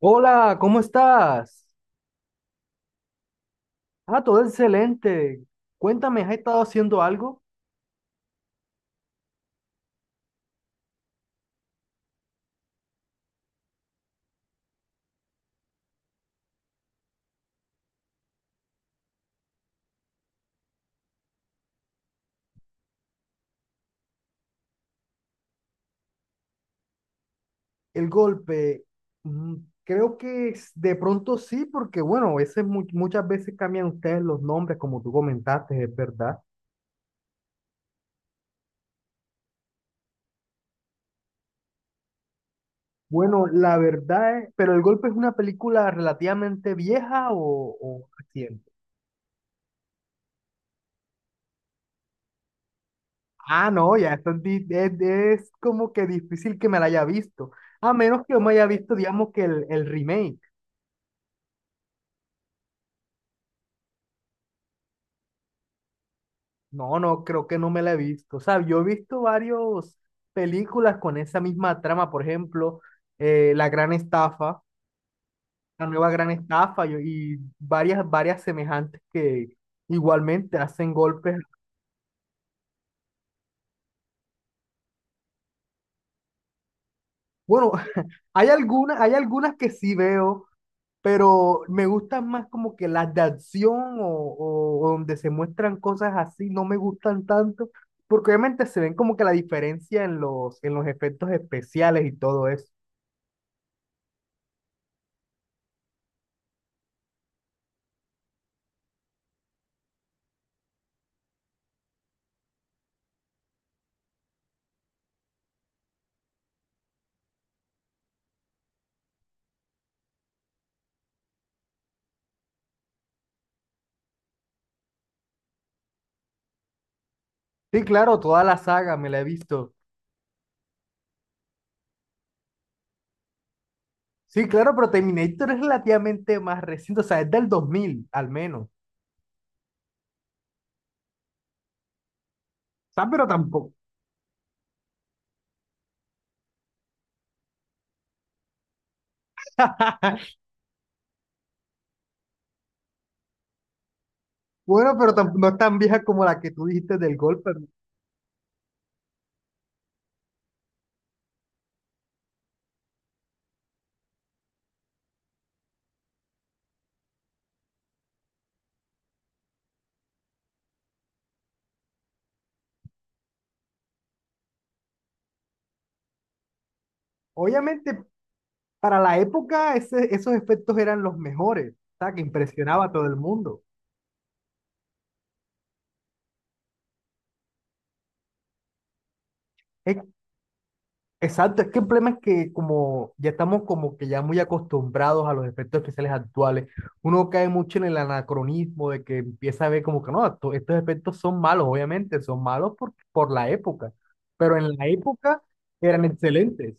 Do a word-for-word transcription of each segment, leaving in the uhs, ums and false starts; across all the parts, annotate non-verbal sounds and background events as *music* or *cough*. Hola, ¿cómo estás? Ah, todo excelente. Cuéntame, ¿has estado haciendo algo? El golpe, mm, creo que es- de pronto sí, porque bueno, a veces, mu- muchas veces cambian ustedes los nombres, como tú comentaste, es verdad. Bueno, la verdad es, pero El Golpe es una película relativamente vieja o, o reciente. Ah, no, ya, esto es, di- es, es como que difícil que me la haya visto, a menos que yo me haya visto, digamos, que el, el remake. No, no, creo que no me la he visto. O sea, yo he visto varias películas con esa misma trama, por ejemplo, eh, La Gran Estafa, La Nueva Gran Estafa yo- y varias, varias semejantes que igualmente hacen golpes. Bueno, *laughs* hay algunas, hay algunas que sí veo, pero me gustan más como que las de acción o, o donde se muestran cosas así, no me gustan tanto, porque obviamente se ven como que la diferencia en los, en los efectos especiales y todo eso. Sí, claro, toda la saga me la he visto. Sí, claro, pero Terminator es relativamente más reciente, o sea, es del dos mil al menos. O sea, pero tampoco. *laughs* Bueno, pero tam- no es tan vieja como la que tú dijiste del golpe. Obviamente, para la época, ese- esos efectos eran los mejores, o sea, que impresionaba a todo el mundo. En Exacto, es que el problema es que como ya estamos como que ya muy acostumbrados a los efectos especiales actuales, uno cae mucho en el anacronismo de que empieza a ver como que no, esto- estos efectos son malos, obviamente, son malos por, por la época, pero en la época eran excelentes.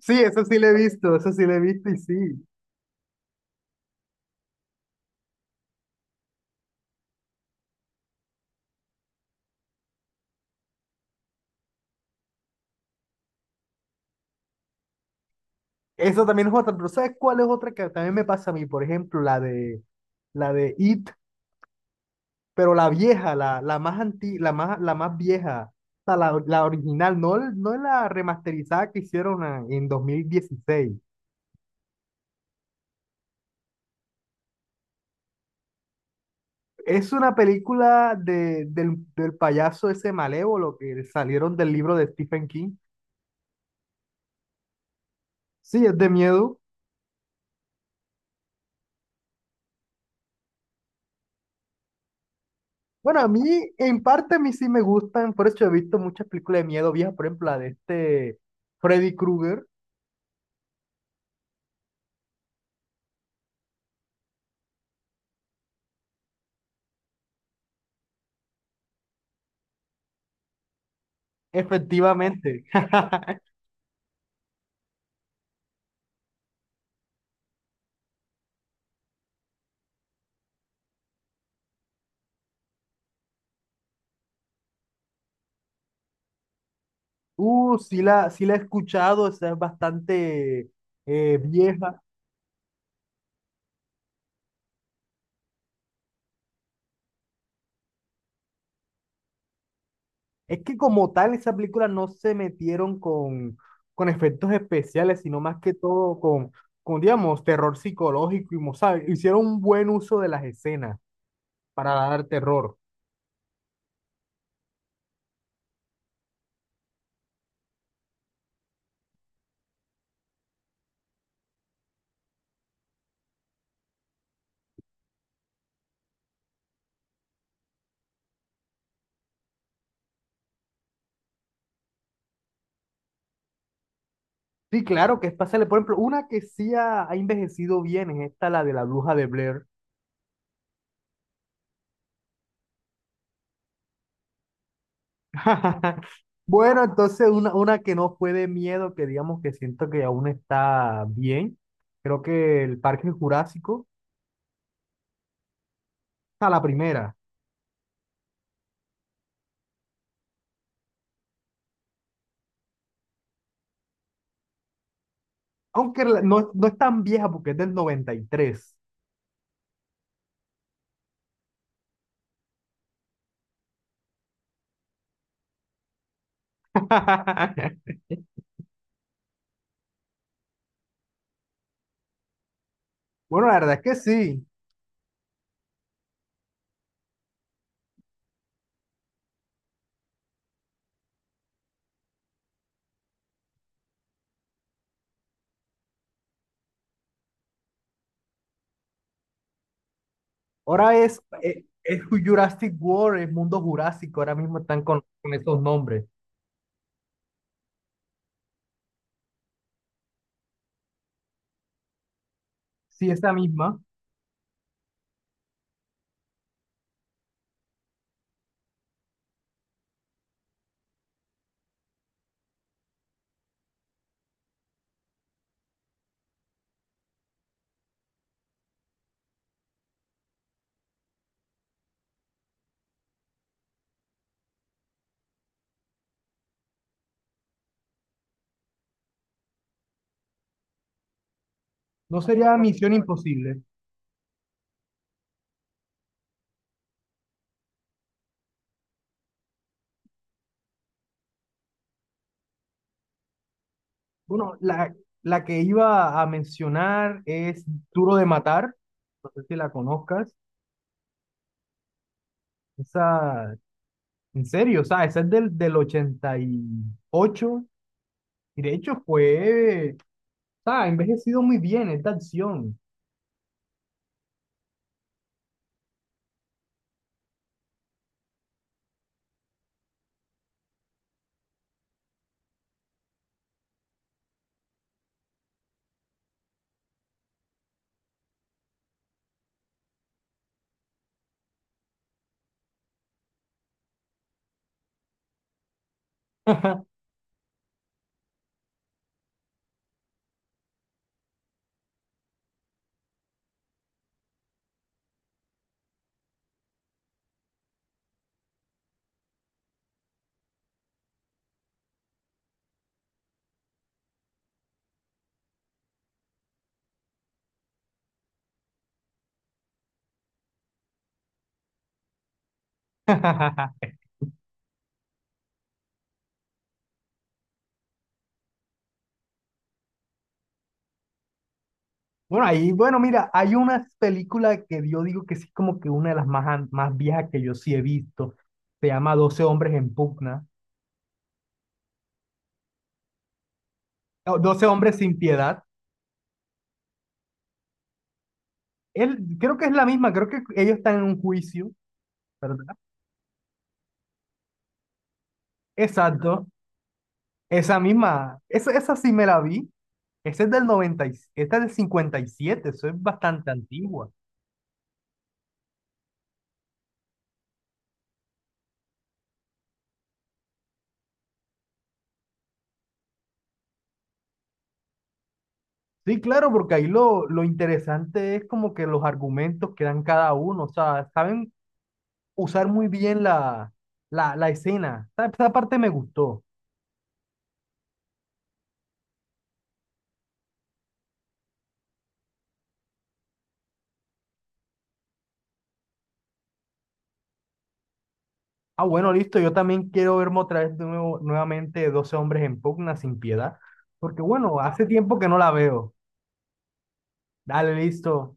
Sí, eso sí lo he visto, eso sí lo he visto y sí. Eso también es otra, pero ¿sabes cuál es otra que también me pasa a mí? Por ejemplo, la de, la de It, pero la vieja, la, la más anti, la más, la más vieja, o sea, la, la original, no, el- no la remasterizada que hicieron a- en dos mil dieciséis. Es una película de, del, del payaso ese malévolo que salieron del libro de Stephen King. Sí, es de miedo. Bueno, a mí, en parte, a mí sí me gustan. Por eso he visto muchas películas de miedo viejas, por ejemplo, la de este Freddy Krueger. Efectivamente. *laughs* Uh, sí la, sí la he escuchado, o sea, es bastante eh, vieja. Es que como tal, esa película no se metieron con, con efectos especiales, sino más que todo con, con, digamos, terror psicológico y, mo- ¿sabe? Hicieron un buen uso de las escenas para dar terror. Sí, claro, que es pasable. Por ejemplo, una que sí ha, ha envejecido bien es esta, la de la bruja de Blair. *laughs* Bueno, entonces una, una que no fue de miedo, que digamos que siento que aún está bien. Creo que el Parque Jurásico, a la primera. Aunque la- no, no es tan vieja porque es del noventa y tres. *laughs* Bueno, la verdad es que sí. Ahora es, eh, es, Jurassic World, es Mundo Jurásico, ahora mismo están con, con esos nombres. Sí, esa misma. No sería Misión Imposible. Bueno, la, la que iba a mencionar es Duro de Matar. No sé si la conozcas. Esa, en serio, o sea, esa es del, del ochenta y ocho. Y ocho. Y de hecho fue, o sea, ha envejecido muy bien esta acción. *laughs* *laughs* Bueno, ahí, bueno, mira, hay una película que yo digo que sí es como que una de las más, an- más viejas que yo sí he visto. Se llama Doce hombres en pugna. No, Doce hombres sin piedad. Él, creo que es la misma, creo que ellos están en un juicio, ¿verdad? Exacto, esa misma, esa, esa sí me la vi. Esa es del noventa, y- esta es del cincuenta y siete, eso es bastante antigua. Sí, claro, porque ahí lo, lo interesante es como que los argumentos que dan cada uno, o sea, saben usar muy bien la, la, la escena. Esa, esa parte me gustó. Ah, bueno, listo. Yo también quiero verme otra vez de nuevo, nuevamente doce hombres en pugna sin piedad. Porque bueno, hace tiempo que no la veo. Dale, listo.